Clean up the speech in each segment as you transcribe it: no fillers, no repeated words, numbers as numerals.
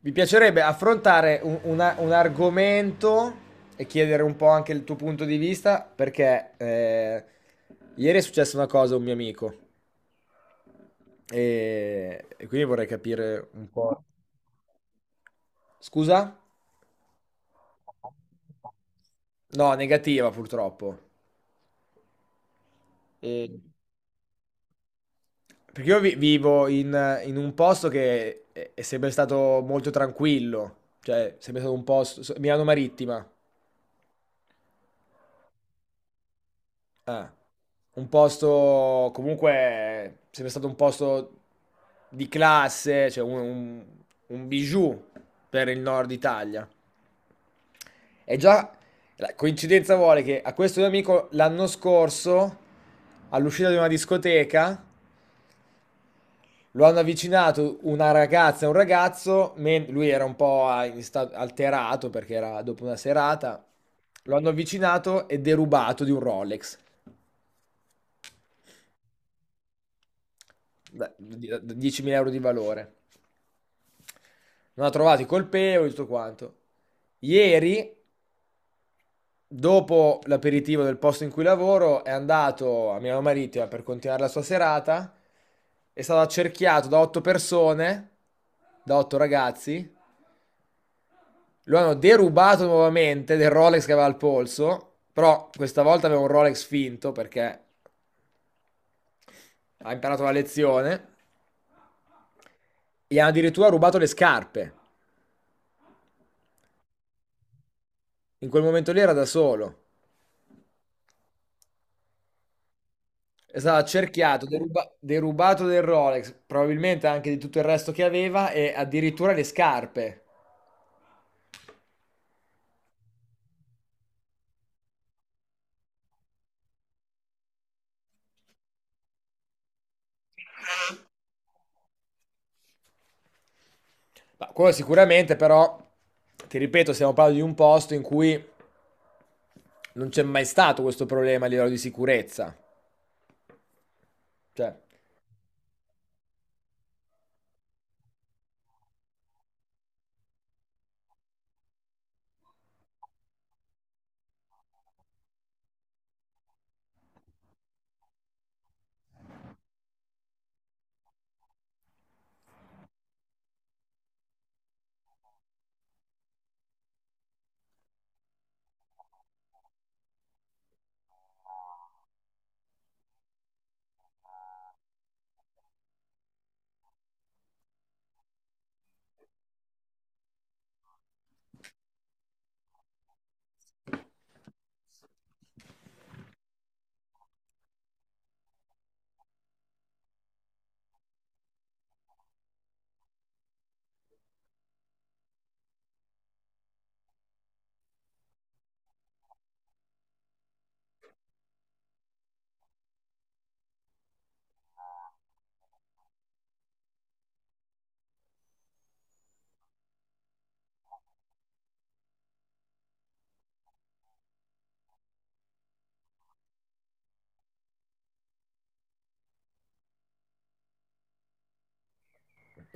Mi piacerebbe affrontare un argomento e chiedere un po' anche il tuo punto di vista, perché ieri è successa una cosa a un mio amico e quindi vorrei capire un po'. Scusa? No, negativa purtroppo. E- Perché io vivo in un posto che è sempre stato molto tranquillo, cioè sempre stato un posto, Milano Marittima. Eh, un posto comunque sempre stato un posto di classe, cioè un bijou per il nord Italia. E già la coincidenza vuole che a questo mio amico l'anno scorso, all'uscita di una discoteca, lo hanno avvicinato una ragazza e un ragazzo, lui era un po' alterato perché era dopo una serata, lo hanno avvicinato e derubato di un Rolex da 10.000 euro di valore. Non ha trovato i colpevoli, tutto quanto. Ieri, dopo l'aperitivo del posto in cui lavoro, è andato a Milano Marittima per continuare la sua serata. È stato accerchiato da otto persone, da otto ragazzi. Lo hanno derubato nuovamente del Rolex che aveva al polso, però questa volta aveva un Rolex finto perché ha imparato la lezione. Gli hanno addirittura rubato le scarpe. In quel momento lì era da solo. È stato accerchiato, derubato del Rolex, probabilmente anche di tutto il resto che aveva e addirittura le scarpe. Ma quello sicuramente, però, ti ripeto, stiamo parlando di un posto in cui non c'è mai stato questo problema a livello di sicurezza. Cioè...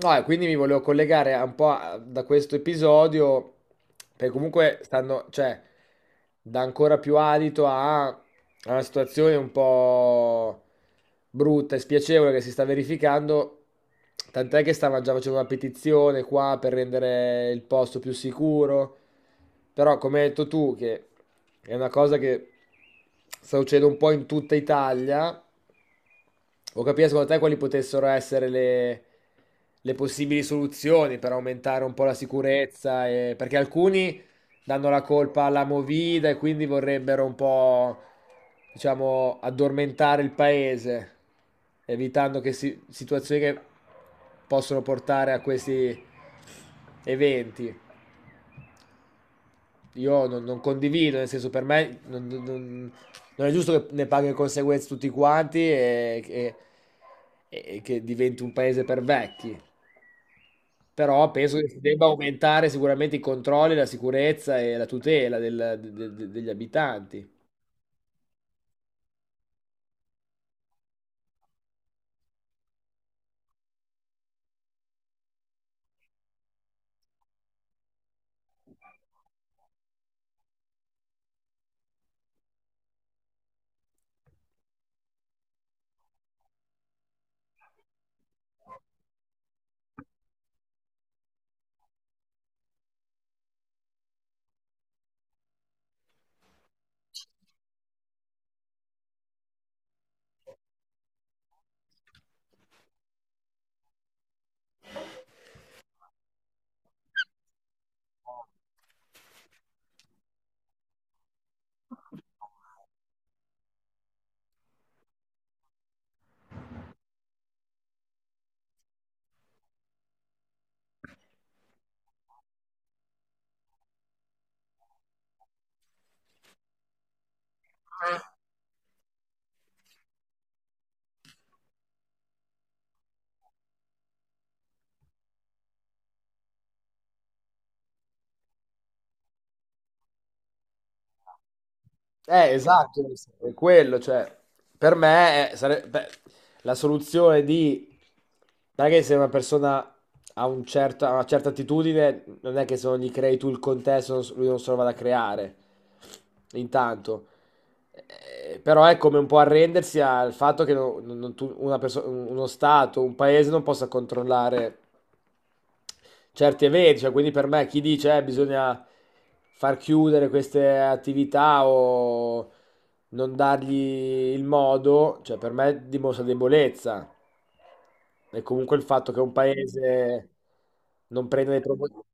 No, e quindi mi volevo collegare da questo episodio, perché comunque stanno, cioè, dà ancora più adito a una situazione un po' brutta e spiacevole che si sta verificando, tant'è che stavano già facendo una petizione qua per rendere il posto più sicuro, però come hai detto tu, che è una cosa che sta succedendo un po' in tutta Italia, ho capito secondo te quali potessero essere le possibili soluzioni per aumentare un po' la sicurezza, perché alcuni danno la colpa alla Movida e quindi vorrebbero un po', diciamo, addormentare il paese, evitando situazioni che possono portare a questi eventi. Io non condivido, nel senso per me non è giusto che ne paghi le conseguenze tutti quanti e che diventi un paese per vecchi. Però penso che si debba aumentare sicuramente i controlli, la sicurezza e la tutela degli abitanti. Esatto, è quello, cioè, per me beh, la soluzione di... Non è che se una persona ha una certa attitudine, non è che se non gli crei tu il contesto, non s- lui non se lo vada a creare, intanto. Però è come un po' arrendersi al fatto che no- non- non tu- una perso- uno Stato, un paese non possa controllare certi eventi. Cioè, quindi per me chi dice bisogna far chiudere queste attività o non dargli il modo, cioè per me dimostra debolezza. E comunque il fatto che un paese non prenda dei provvedimenti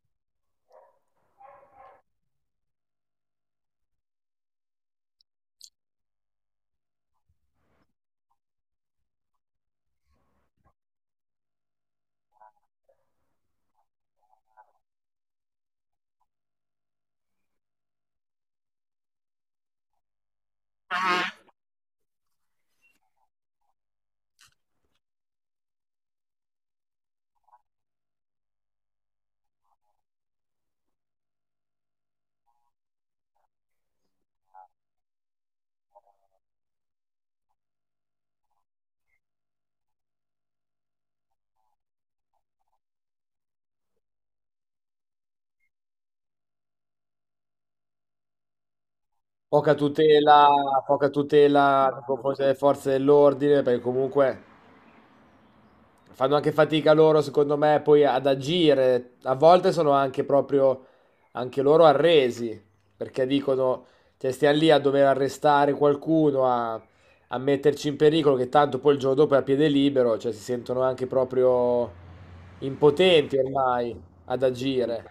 poca tutela, poca tutela nei confronti delle forze dell'ordine, perché comunque fanno anche fatica loro, secondo me, poi ad agire. A volte sono anche proprio anche loro arresi, perché dicono, cioè, stiamo lì a dover arrestare qualcuno, a metterci in pericolo, che tanto poi il giorno dopo è a piede libero, cioè si sentono anche proprio impotenti ormai ad agire.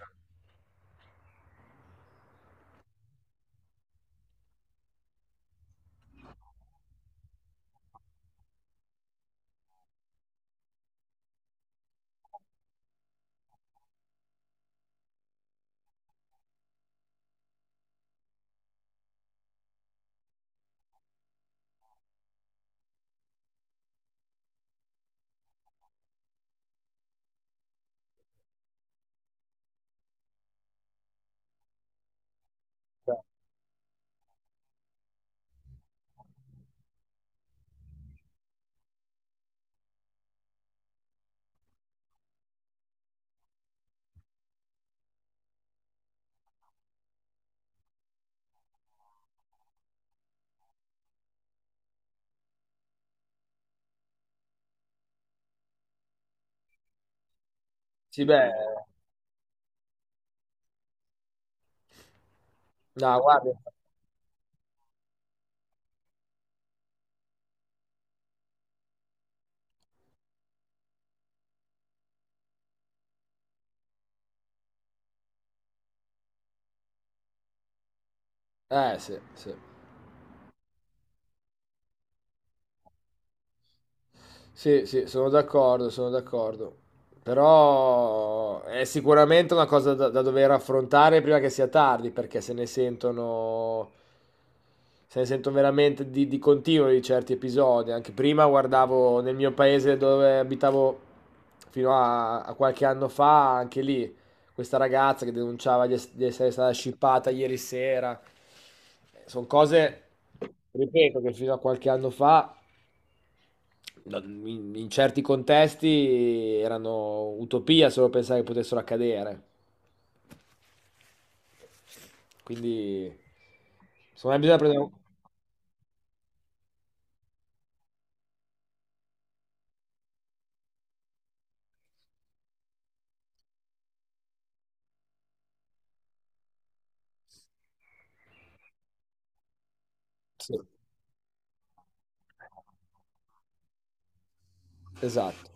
Cioè... Sì, beh, no, guarda, eh sì, sì. Sì, sì, sono d'accordo, sono d'accordo. Però è sicuramente una cosa da dover affrontare prima che sia tardi, perché se ne sentono, se ne sentono veramente di continuo di certi episodi. Anche prima guardavo nel mio paese dove abitavo a qualche anno fa, anche lì, questa ragazza che denunciava di essere stata scippata ieri sera. Sono cose, ripeto, che fino a qualche anno fa No, in certi contesti erano utopia solo pensare che potessero accadere. Quindi, secondo me bisogna prendere... Sì, esatto.